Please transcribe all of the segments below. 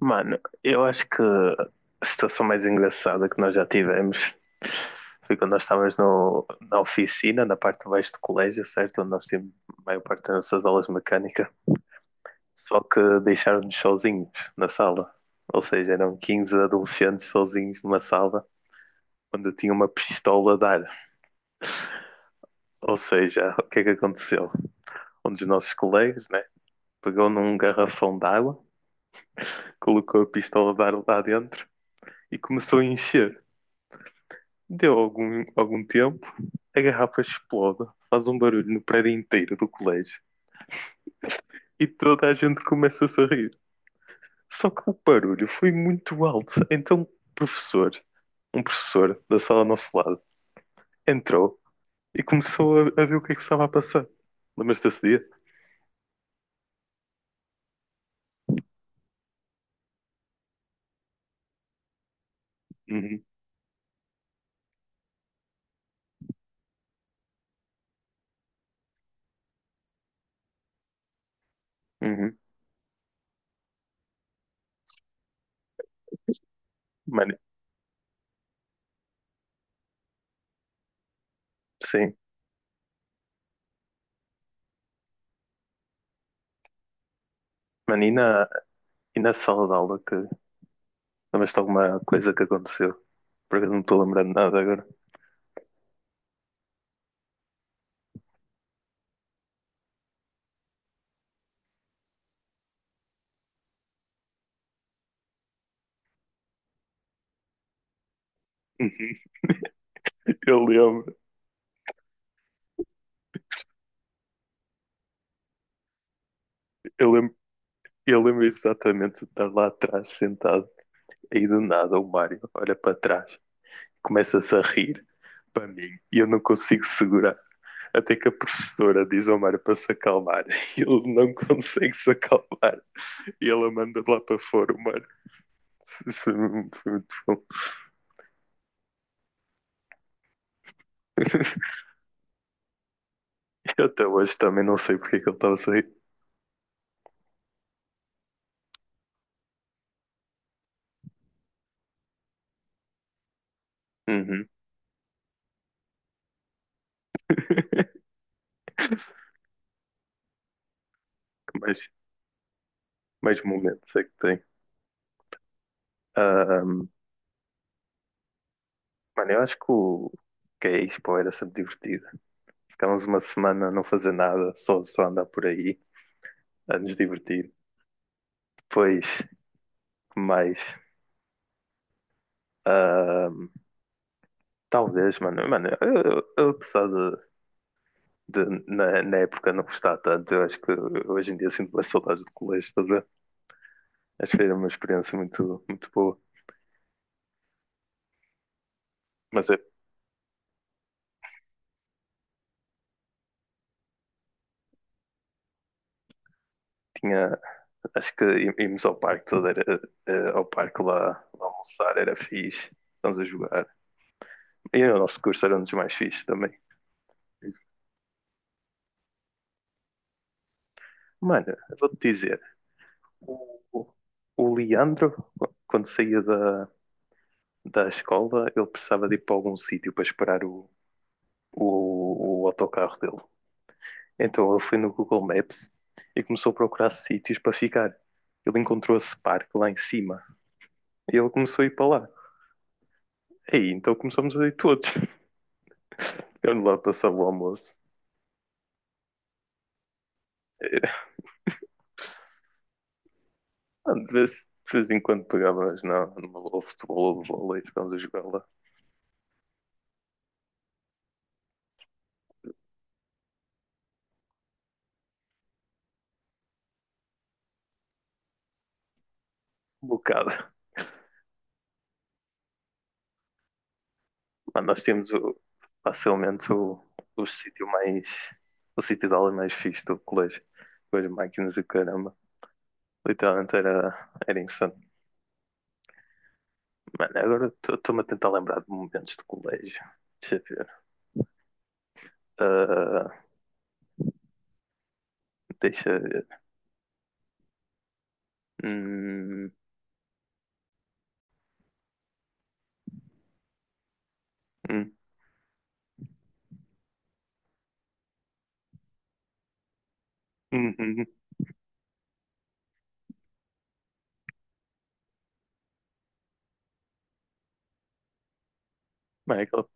Mano, eu acho que a situação mais engraçada que nós já tivemos foi quando nós estávamos no, na oficina, na parte de baixo do colégio, certo? Onde nós tínhamos a maior parte das nossas aulas de mecânica, só que deixaram-nos sozinhos na sala. Ou seja, eram 15 adolescentes sozinhos numa sala onde eu tinha uma pistola a dar. Ou seja, o que é que aconteceu? Um dos nossos colegas, né, pegou num garrafão de água, colocou a pistola a dar lá dentro e começou a encher. Deu algum tempo, a garrafa explode, faz um barulho no prédio inteiro do colégio e toda a gente começa a sorrir. Só que o barulho foi muito alto, então o professor, um professor da sala ao nosso lado, entrou e começou a ver o que é que estava a passar. Lembras-te desse dia? Uhum, uhum. Mano, sim. Mano, e na sala de aula que lembras-te de alguma coisa que aconteceu? Porque eu não estou lembrando de nada agora. Uhum. Eu lembro, eu lembro Eu lembro exatamente de estar lá atrás sentado, aí do nada o Mário olha para trás, começa-se a rir para mim e eu não consigo segurar. Até que a professora diz ao Mário para se acalmar e ele não consegue se acalmar e ela manda lá para fora o Mário. Isso foi foi muito bom. Eu até hoje também não sei porque é que ele estava a sair. Uhum. Que mais, mais momentos é que tem? Ahm, mano, eu acho que o que é Expo era sempre divertido. Ficámos uma semana a não fazer nada, só andar por aí, a nos divertir. Depois, que mais? Ahm, talvez, mano. Mano, eu, apesar de, na época não gostar tanto, eu acho que hoje em dia sinto mais saudades do colégio, estás a ver? Acho que era uma experiência muito boa. Mas eu tinha, acho que íamos ao parque todo, ao parque lá almoçar, era fixe. Estamos a jogar. E o nosso curso era um dos mais fixes também. Mano, eu vou-te dizer, O, o Leandro, quando saía da escola, ele precisava de ir para algum sítio para esperar o autocarro dele. Então ele foi no Google Maps e começou a procurar sítios para ficar. Ele encontrou esse parque lá em cima e ele começou a ir para lá. Aí então começamos a ir todos. Eu lá passava o almoço. Eh, de vez em quando pegava, mas não, numa bola de futebol ou de vôlei, ficámos a jogar lá um bocado. Mano, nós temos o- Facilmente o sítio mais. O sítio de aula mais fixe do colégio. Com as máquinas e o caramba. Literalmente era insano. Mano, agora estou-me a tentar lembrar de momentos de colégio. Deixa eu ver. Ah, deixa eu ver. Hum, hum, hum, hum. hum. Mano, aquela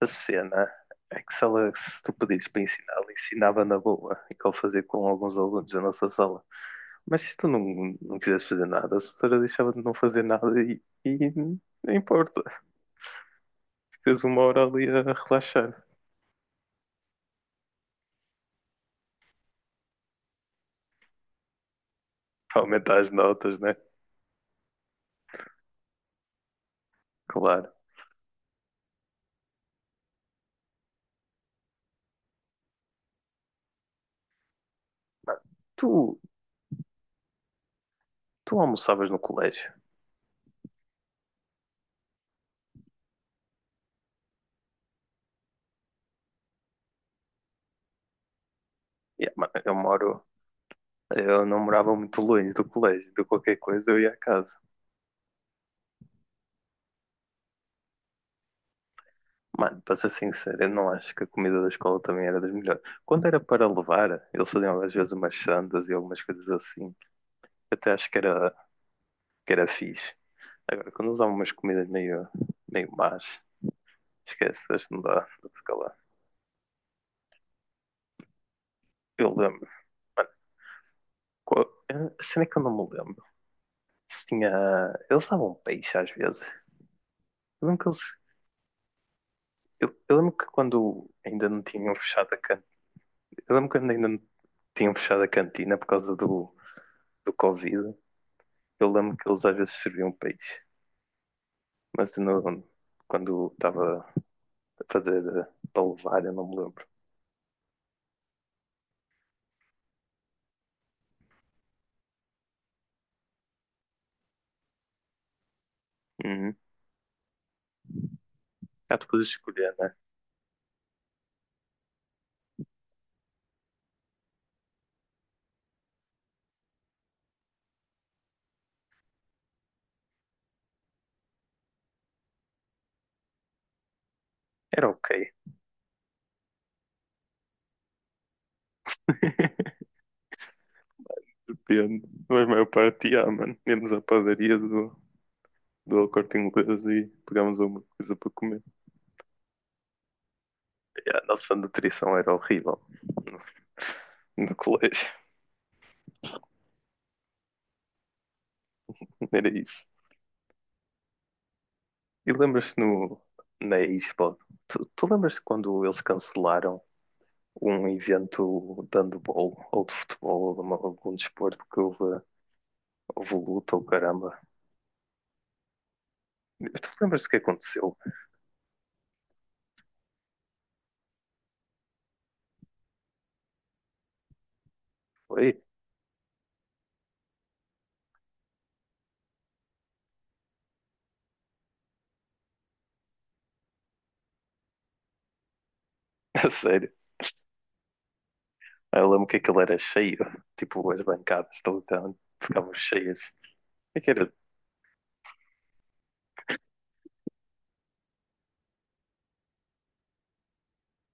a cena é que se tu pedisses para ensinar, ela ensinava na boa. E que ele fazia com alguns alunos da nossa sala. Mas se tu não quisesse fazer nada, a senhora deixava de não fazer nada e não importa. Ficas uma hora ali a relaxar. Para aumentar as notas, né? Claro. Mano, Tu, tu almoçavas no colégio? Yeah, mano, eu moro. Eu não morava muito longe do colégio. De qualquer coisa eu ia à casa. Mano, para ser sincero, eu não acho que a comida da escola também era das melhores. Quando era para levar, eles faziam às vezes umas sandas e algumas coisas assim. Até acho que que era fixe. Agora, quando usava umas comidas meio más, esquece, hoje não dá não fica lá. Eu lembro, mano, qual, eu- a é que eu não me lembro. Se tinha. Eles davam peixe às vezes. Eu lembro que eles. Eu lembro que quando ainda não tinham fechado a cantina. Eu lembro que quando ainda não tinham fechado a cantina por causa do Covid. Eu lembro que eles às vezes serviam peixe. Mas não, quando estava a fazer para levar, eu não me lembro. Uhum. Ah, tu podes escolher, né? Era ok. Depende. Mas a maior parte, ah, mano. Íamos à padaria do Corte Inglês e pegámos alguma coisa para comer. E a nossa nutrição era horrível no colégio. Era isso. E lembras-te no, na Expo? Tu lembras-te quando eles cancelaram um evento de handball ou de futebol ou de algum desporto que houve, houve luta ou caramba? Tu lembras-te o que aconteceu? Foi? A sério. Eu lembro que aquilo era cheio, tipo, as bancadas de lutão ficavam cheias. É que era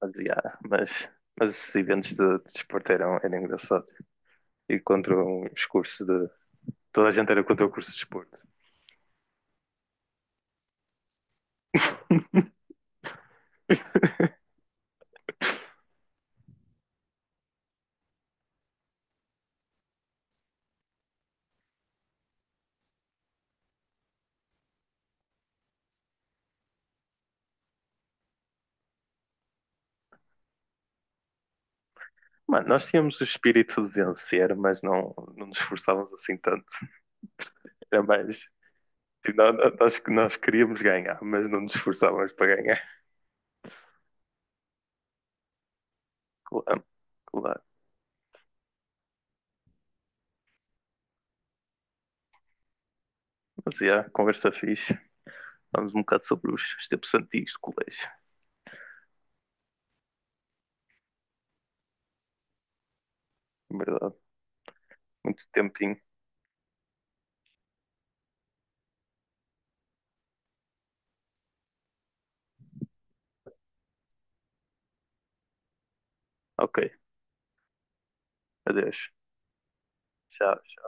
demasiado, mas esses eventos de desporto eram engraçados. E contra os cursos de. Toda a gente era contra o curso de desporto. Mano, nós tínhamos o espírito de vencer, mas não nos esforçávamos assim tanto. Era mais. Tipo, nós queríamos ganhar, mas não nos esforçávamos para ganhar. Claro, claro. Mas, yeah, conversa fixe. Falamos um bocado sobre os tempos antigos de colégio. Verdade, muito tempinho. Ok, adeus. Tchau.